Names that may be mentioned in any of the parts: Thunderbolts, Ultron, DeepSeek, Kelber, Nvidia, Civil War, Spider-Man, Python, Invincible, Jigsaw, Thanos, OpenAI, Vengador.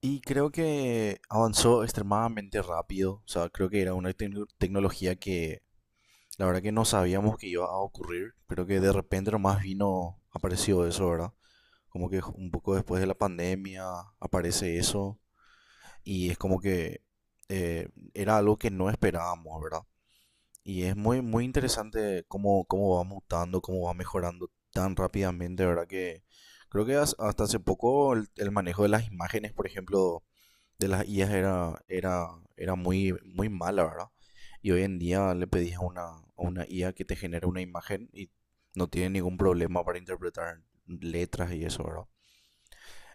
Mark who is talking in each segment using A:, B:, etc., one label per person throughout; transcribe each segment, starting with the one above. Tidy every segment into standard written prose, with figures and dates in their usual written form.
A: Y creo que avanzó extremadamente rápido. O sea, creo que era una tecnología que la verdad que no sabíamos que iba a ocurrir. Creo que de repente nomás vino, apareció eso, ¿verdad? Como que un poco después de la pandemia aparece eso. Y es como que era algo que no esperábamos, ¿verdad? Y es muy, muy interesante cómo, cómo va mutando, cómo va mejorando tan rápidamente, ¿verdad? Que creo que hasta hace poco el manejo de las imágenes, por ejemplo de las IAs era muy, muy mala, ¿verdad? Y hoy en día le pedís a a una IA que te genere una imagen y no tiene ningún problema para interpretar letras y eso, ¿verdad?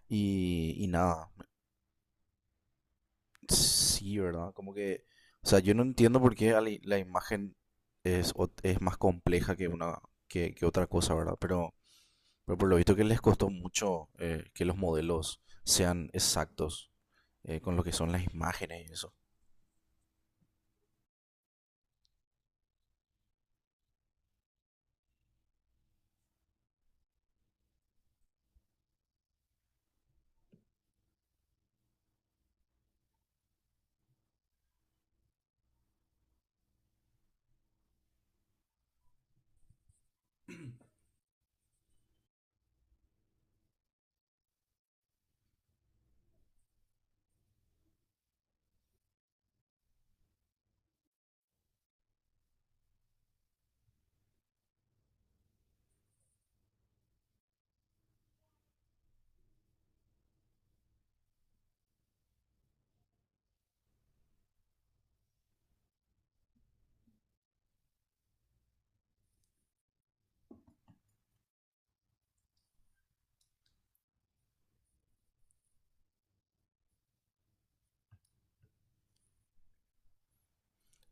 A: Y nada, sí, ¿verdad? Como que, o sea, yo no entiendo por qué la imagen es más compleja que una que otra cosa, ¿verdad? Pero por lo visto que les costó mucho que los modelos sean exactos con lo que son las imágenes y eso.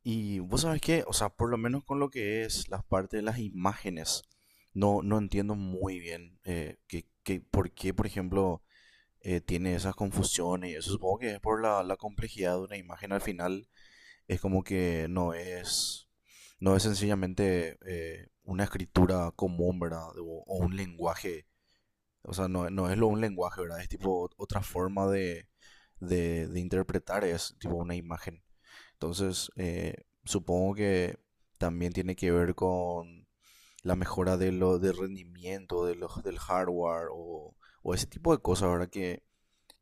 A: Y vos sabés que, o sea, por lo menos con lo que es la parte de las imágenes, no entiendo muy bien que por qué, por ejemplo, tiene esas confusiones. Eso supongo que es por la complejidad de una imagen al final. Es como que no es sencillamente una escritura común, ¿verdad? O un lenguaje. O sea, no, no es lo, un lenguaje, ¿verdad? Es tipo otra forma de interpretar, es tipo una imagen. Entonces, supongo que también tiene que ver con la mejora del rendimiento del hardware o ese tipo de cosas, ¿verdad?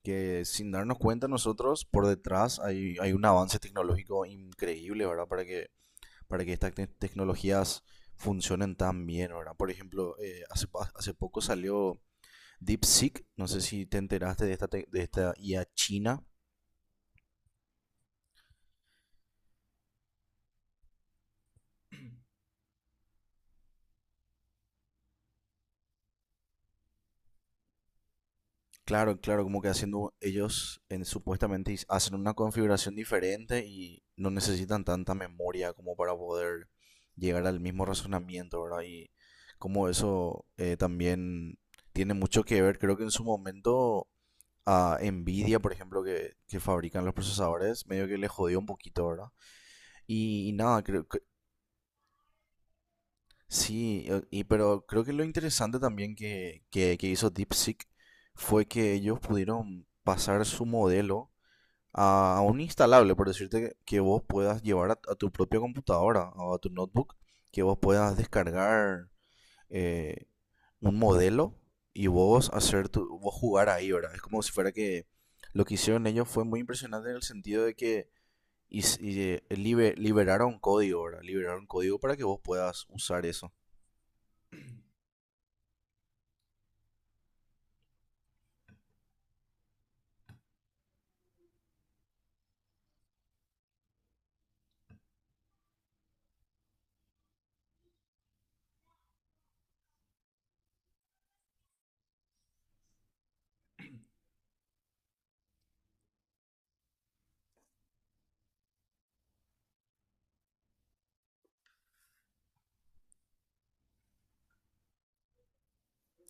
A: Que sin darnos cuenta nosotros, por detrás hay, hay un avance tecnológico increíble, ¿verdad? Para que estas tecnologías funcionen tan bien, ¿verdad? Por ejemplo, hace poco salió DeepSeek, no sé si te enteraste de esta, de esta IA china. Claro, claro, como que haciendo supuestamente hacen una configuración diferente y no necesitan tanta memoria como para poder llegar al mismo razonamiento, ¿verdad? Y como eso también tiene mucho que ver, creo que en su momento a Nvidia, por ejemplo, que fabrican los procesadores, medio que le jodió un poquito, ¿verdad? Y nada, creo que sí, pero creo que lo interesante también que hizo DeepSeek fue que ellos pudieron pasar su modelo a un instalable, por decirte que vos puedas llevar a tu propia computadora o a tu notebook, que vos puedas descargar eh, un modelo y vos vos jugar ahí, ¿verdad? Es como si fuera que lo que hicieron ellos fue muy impresionante en el sentido de que liberaron código, ¿verdad? Liberaron código para que vos puedas usar eso.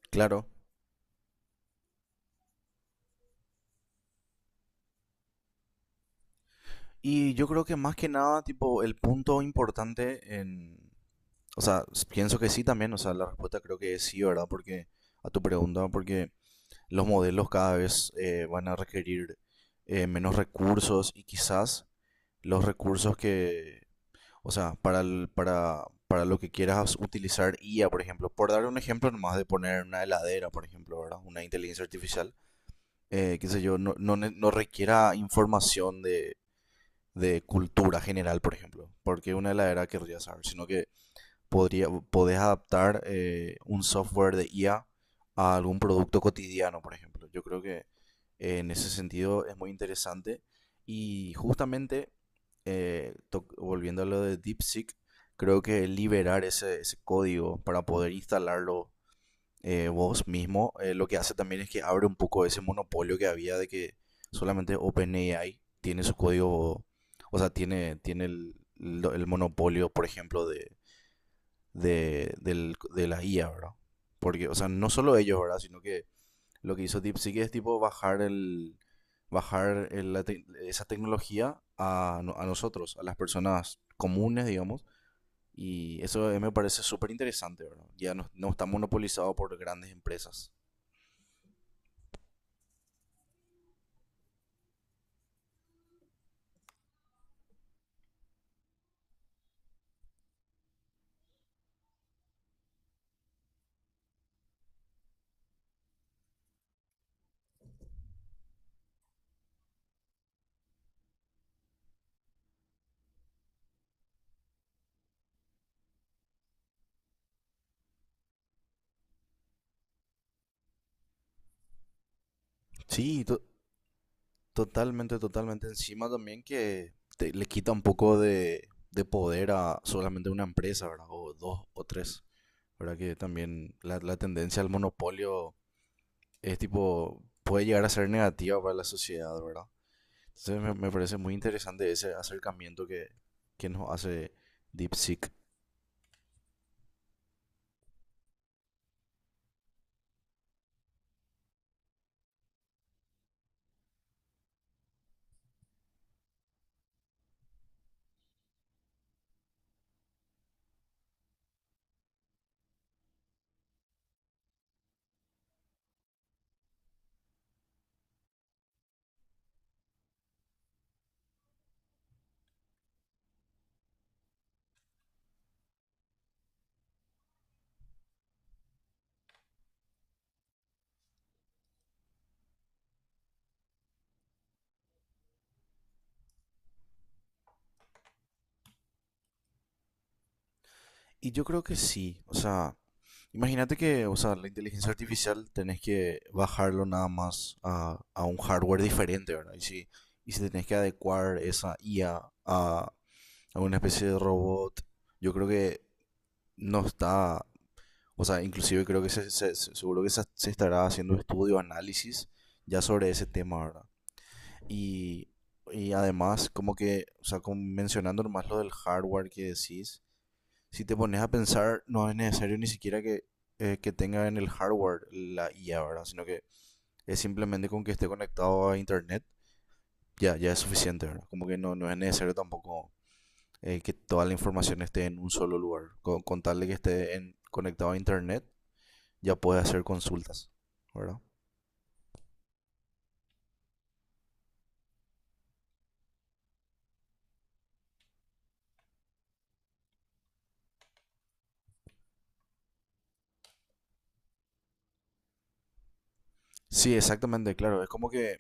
A: Claro. Y yo creo que más que nada, tipo, el punto importante en, o sea, pienso que sí también, o sea, la respuesta creo que es sí, ¿verdad? Porque a tu pregunta, porque los modelos cada vez van a requerir menos recursos y quizás los recursos que, o sea, para lo que quieras utilizar IA, por ejemplo, por dar un ejemplo nomás de poner una heladera, por ejemplo, ¿verdad? Una inteligencia artificial, qué sé yo, no requiera información de cultura general, por ejemplo, porque una heladera querría saber, sino que podés adaptar un software de IA a algún producto cotidiano, por ejemplo. Yo creo que en ese sentido es muy interesante. Y justamente, volviendo a lo de DeepSeek, creo que liberar ese código para poder instalarlo vos mismo, lo que hace también es que abre un poco ese monopolio que había de que solamente OpenAI tiene su código, o sea, el monopolio, por ejemplo, de la IA, ¿verdad? Porque, o sea, no solo ellos, ¿verdad? Sino que lo que hizo DeepSeek es tipo bajar esa tecnología a, no- a nosotros, a las personas comunes, digamos, y eso me parece súper interesante, ¿verdad? Ya no está monopolizado por grandes empresas. Sí, totalmente, totalmente. Encima también que le quita un poco de poder a solamente una empresa, ¿verdad? O dos o tres. ¿Verdad? Que también la tendencia al monopolio es tipo, puede llegar a ser negativa para la sociedad, ¿verdad? Entonces me parece muy interesante ese acercamiento que nos hace DeepSeek. Y yo creo que sí, o sea, imagínate que, o sea, la inteligencia artificial tenés que bajarlo nada más a un hardware diferente, ¿verdad? Y si tenés que adecuar esa IA a una especie de robot, yo creo que no está. O sea, inclusive creo que seguro que se estará haciendo estudio, análisis ya sobre ese tema, ¿verdad? Y, y además, como que, o sea, como mencionando más lo del hardware que decís, si te pones a pensar, no es necesario ni siquiera que tenga en el hardware la IA, ¿verdad? Sino que es simplemente con que esté conectado a internet, ya, ya es suficiente, ¿verdad? Como que no es necesario tampoco que toda la información esté en un solo lugar, con tal de que conectado a internet ya puede hacer consultas, ¿verdad? Sí, exactamente, claro. Es como que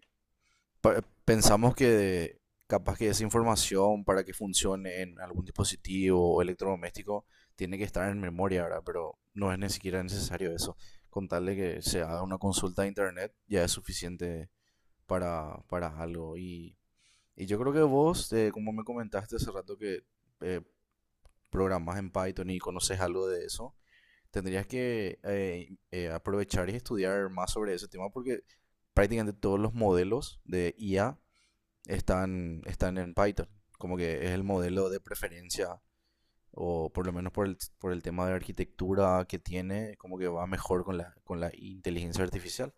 A: pensamos que capaz que esa información para que funcione en algún dispositivo o electrodoméstico tiene que estar en memoria, ¿verdad? Pero no es ni siquiera necesario eso. Con tal de que se haga una consulta de internet ya es suficiente para algo. Y yo creo que vos, como me comentaste hace rato que eh, programas en Python y conoces algo de eso, tendrías que aprovechar y estudiar más sobre ese tema porque prácticamente todos los modelos de IA están, están en Python, como que es el modelo de preferencia o por lo menos por el tema de arquitectura que tiene, como que va mejor con la inteligencia artificial.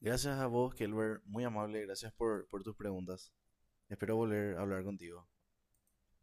A: Gracias a vos, Kelber, muy amable, gracias por tus preguntas. Espero volver a hablar contigo.